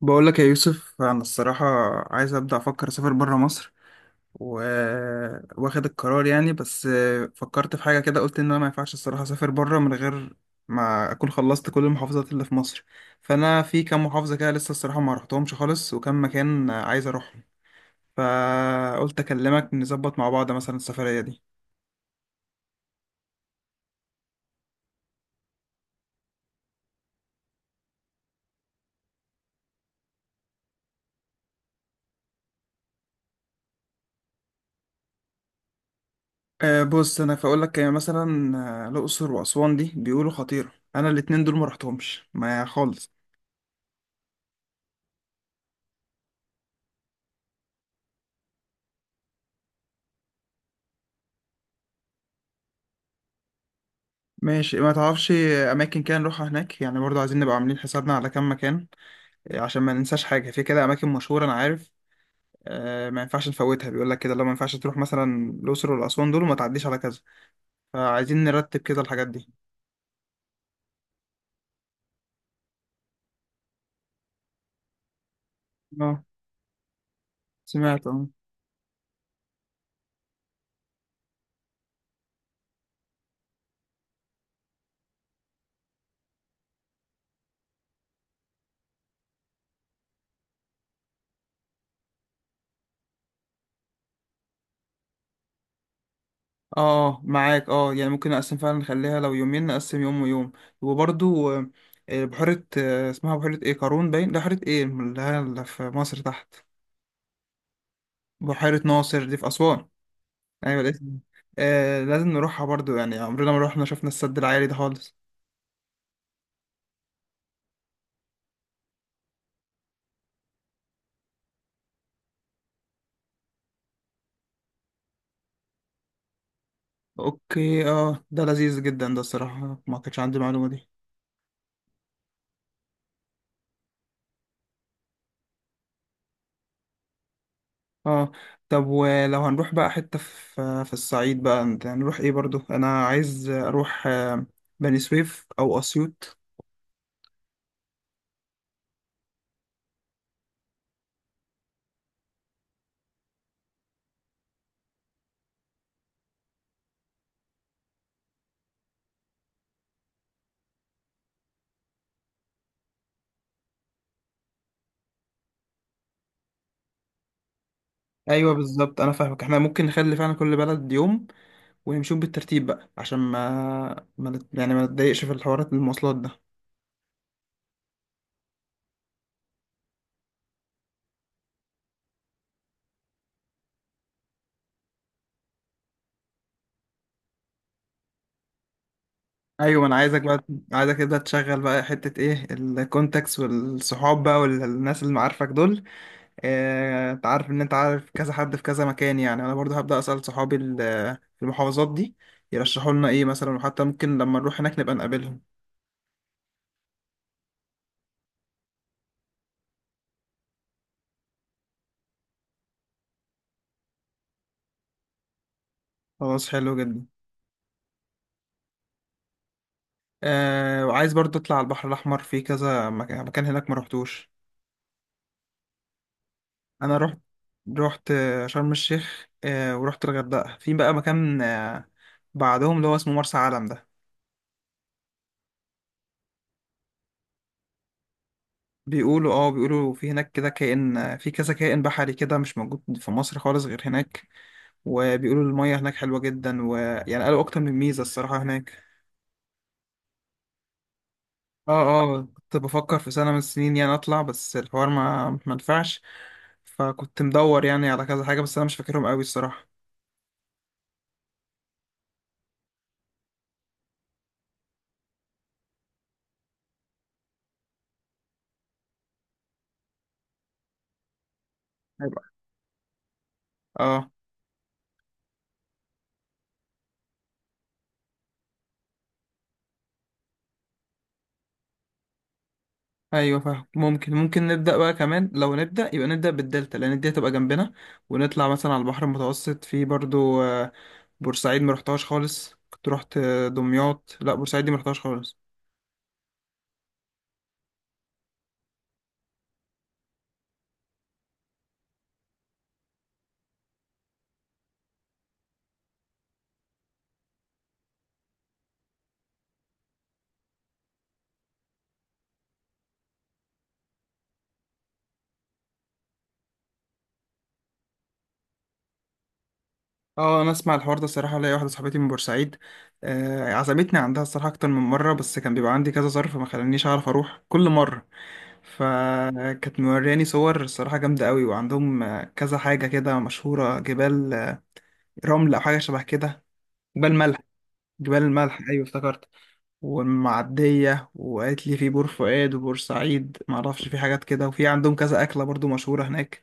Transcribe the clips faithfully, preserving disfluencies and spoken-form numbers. بقول لك يا يوسف، انا الصراحه عايز ابدا افكر اسافر بره مصر و... واخد القرار يعني. بس فكرت في حاجه كده، قلت ان انا ما ينفعش الصراحه اسافر بره من غير ما اكون خلصت كل المحافظات اللي في مصر. فانا في كام محافظه كده لسه الصراحه ما رحتهمش خالص، وكم مكان عايز اروحهم. فقلت اكلمك نظبط مع بعض مثلا السفريه دي. أه بص انا فاقول لك يعني مثلا، آه، الاقصر واسوان دي بيقولوا خطيره، انا الاتنين دول ما رحتهمش ما خالص. ماشي، ما تعرفش اماكن كده نروحها هناك يعني؟ برضه عايزين نبقى عاملين حسابنا على كام مكان، آه، عشان ما ننساش حاجه. في كده اماكن مشهوره انا عارف، آه، ما ينفعش نفوتها. بيقول لك كده، لو ما ينفعش تروح مثلا الاقصر والاسوان دول وما تعديش على كذا. فعايزين نرتب كده الحاجات دي. اه سمعت، اه. اه معاك، اه يعني ممكن نقسم فعلا، نخليها لو يومين نقسم يوم ويوم. وبرضه آه، بحيره، آه، اسمها بحيره ايه؟ قارون؟ باين ده بحيره ايه اللي هي اللي في مصر تحت. بحيره ناصر دي في اسوان؟ ايوه الاسم. آه لازم نروحها برضو، يعني عمرنا ما روحنا شفنا السد العالي ده خالص. اوكي، اه ده لذيذ جدا، ده الصراحة ما كانش عندي المعلومة دي. اه. طب ولو هنروح بقى حتة في في الصعيد بقى، انت هنروح ايه؟ برضو انا عايز اروح آه، بني سويف او اسيوط. ايوه بالظبط، انا فاهمك. احنا ممكن نخلي فعلا كل بلد يوم، ونمشيهم بالترتيب بقى عشان ما, ما نت- يعني ما نتضايقش في الحوارات المواصلات ده. ايوه انا عايزك بقى، عايزك تبدا تشغل بقى حته ايه الكونتاكس والصحاب بقى والناس اللي معارفك دول. آه، انت عارف ان انت عارف كذا حد في كذا مكان. يعني انا برضو هبدا اسال صحابي ال- في المحافظات دي، يرشحوا لنا ايه مثلا، وحتى ممكن لما نروح هناك نبقى نقابلهم. خلاص حلو جدا. آه، وعايز برضو اطلع على البحر الاحمر، في كذا مكان مكان هناك ما رحتوش. انا رحت، رحت آه، شرم الشيخ، آه ورحت الغردقه. في بقى مكان آه بعدهم اللي هو اسمه مرسى علم ده. بيقولوا، اه بيقولوا في هناك كده كائن، في كذا كائن بحري كده مش موجود في مصر خالص غير هناك. وبيقولوا المية هناك حلوة جدا، ويعني قالوا أكتر من ميزة الصراحة هناك. اه. اه كنت بفكر في سنة من السنين يعني أطلع، بس الحوار ما ما نفعش. فكنت مدور يعني على كذا حاجة، بس أنا مش فاكرهم قوي الصراحة. هيبقى، اه. ايوه فاهم، ممكن ممكن نبدا بقى كمان. لو نبدا، يبقى نبدا بالدلتا لان الدلتا تبقى جنبنا. ونطلع مثلا على البحر المتوسط. في برضو آه، بورسعيد ما رحتهاش خالص. كنت رحت آه، دمياط، لا بورسعيد دي ما رحتهاش خالص. اه، انا اسمع الحوار ده الصراحه. ليا واحده صاحبتي من بورسعيد، آه، عزمتني عندها الصراحه اكتر من مره، بس كان بيبقى عندي كذا ظرف ما خلانيش اعرف اروح كل مره. فكانت مورياني صور الصراحه جامده قوي. وعندهم آه، كذا حاجه كده مشهوره، جبال آه، رمل او حاجه شبه كده. جبال ملح. جبال الملح، ايوه افتكرت. والمعديه، وقالت لي في بور فؤاد وبور سعيد ما اعرفش في حاجات كده، وفي عندهم كذا اكله برضو مشهوره هناك.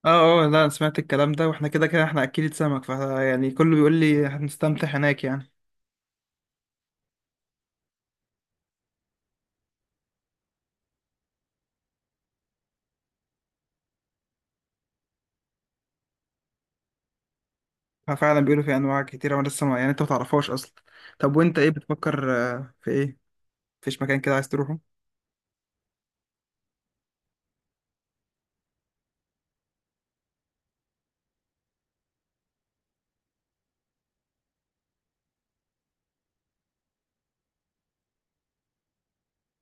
اه اه، لا انا سمعت الكلام ده، واحنا كده كده احنا اكيد سمك، ف يعني كله بيقول لي هنستمتع هناك يعني. ففعلا بيقولوا في انواع كتيره، وانا لسه ما- يعني انت ما تعرفهاش اصلا. طب وانت ايه بتفكر آه، في ايه؟ مفيش مكان كده عايز تروحه؟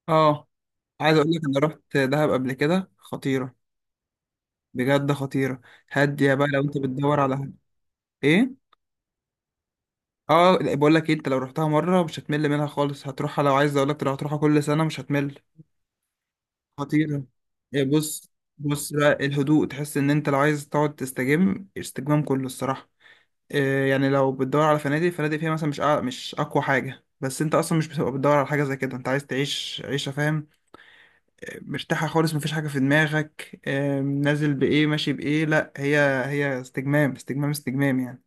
اه، عايز اقول لك انا رحت دهب قبل كده، خطيره. بجد خطيره. هاديه بقى لو انت بتدور على ايه. اه بقول لك إيه، انت لو رحتها مره مش هتمل منها خالص، هتروحها. لو عايز اقول لك، لو هتروحها كل سنه مش هتمل. خطيره. إيه بص. بص بقى الهدوء، تحس ان انت لو عايز تقعد تستجم، استجمام كله الصراحه. إيه يعني لو بتدور على فنادق، فنادق فيها مثلا مش أع- مش اقوى حاجه، بس انت اصلا مش بتبقى بتدور على حاجه زي كده. انت عايز تعيش عيشه، فاهم؟ إيه، مرتاحه خالص، مفيش حاجه في دماغك إيه، نازل بايه ماشي بايه، لا. هي هي استجمام استجمام استجمام يعني.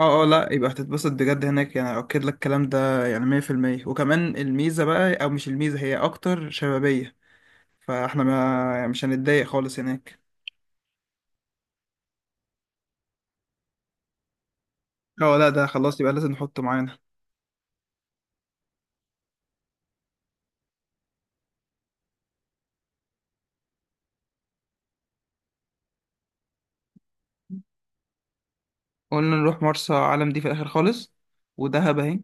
اه اه، لا يبقى هتتبسط بجد هناك يعني، اؤكد لك الكلام ده يعني مية في المية. وكمان الميزة بقى، او مش الميزة، هي اكتر شبابية. فاحنا ما، يعني مش هنتضايق خالص هناك. اه لا ده خلاص يبقى لازم نحطه معانا. قلنا نروح مرسى علم دي في الاخر خالص، ودهب اهي.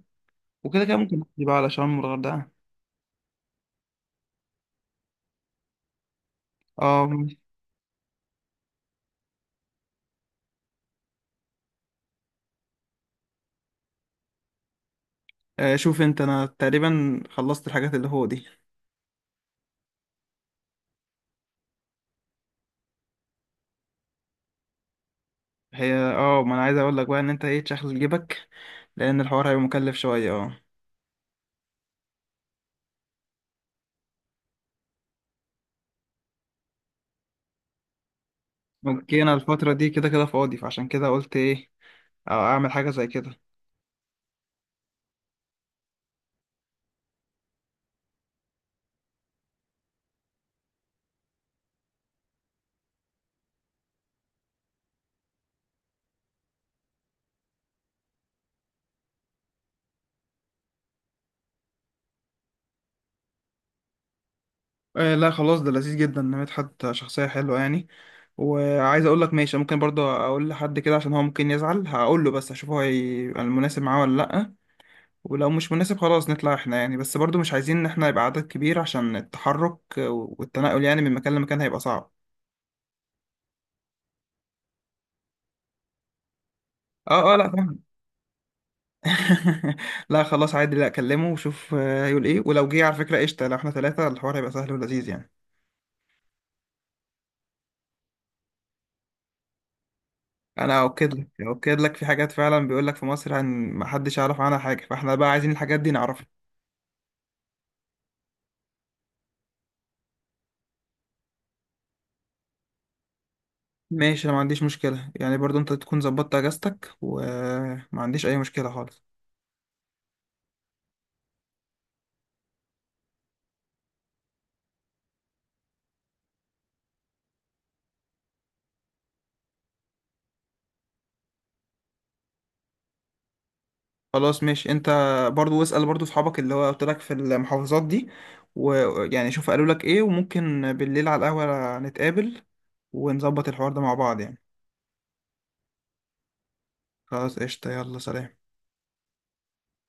وكده كده ممكن نحكي بقى على شرم والغردقة. اه ماشي. آه، شوف انت، انا تقريبا خلصت الحاجات اللي هو دي. هي اه، ما انا عايز اقول لك بقى ان انت ايه تشغل جيبك، لان الحوار هيبقى مكلف شوية اه. اوكي انا الفترة دي كده كده فاضي، فعشان كده قلت ايه او اعمل حاجه زي كده. آه لا خلاص، ده لذيذ جدا إن مدحت شخصيه حلوه يعني. وعايز اقول لك ماشي، ممكن برضه اقول لحد كده عشان هو ممكن يزعل، هقول له بس اشوف هو هيبقى المناسب معاه ولا لا. ولو مش مناسب خلاص نطلع احنا يعني. بس برضه مش عايزين ان احنا يبقى عدد كبير، عشان التحرك والتنقل يعني من مكان لمكان هيبقى صعب. اه اه، لا فاهم. لا خلاص عادي، لا اكلمه وشوف آه، هيقول ايه. ولو جه على فكره قشطه، لو احنا ثلاثه الحوار هيبقى سهل ولذيذ يعني. انا اؤكد لك، اؤكد لك في حاجات فعلا بيقول لك في مصر عن ما حدش يعرف عنها حاجه، فاحنا بقى عايزين الحاجات دي نعرفها. ماشي انا ما عنديش مشكله، يعني برضو انت تكون ظبطت اجازتك، وما عنديش اي مشكله خالص. خلاص ماشي انت، برضو اسال برضو اصحابك اللي هو قلت لك في المحافظات دي، ويعني شوف قالوا لك ايه، وممكن بالليل على القهوه نتقابل ونظبط الحوار ده مع بعض يعني. خلاص قشطه، يلا سلام.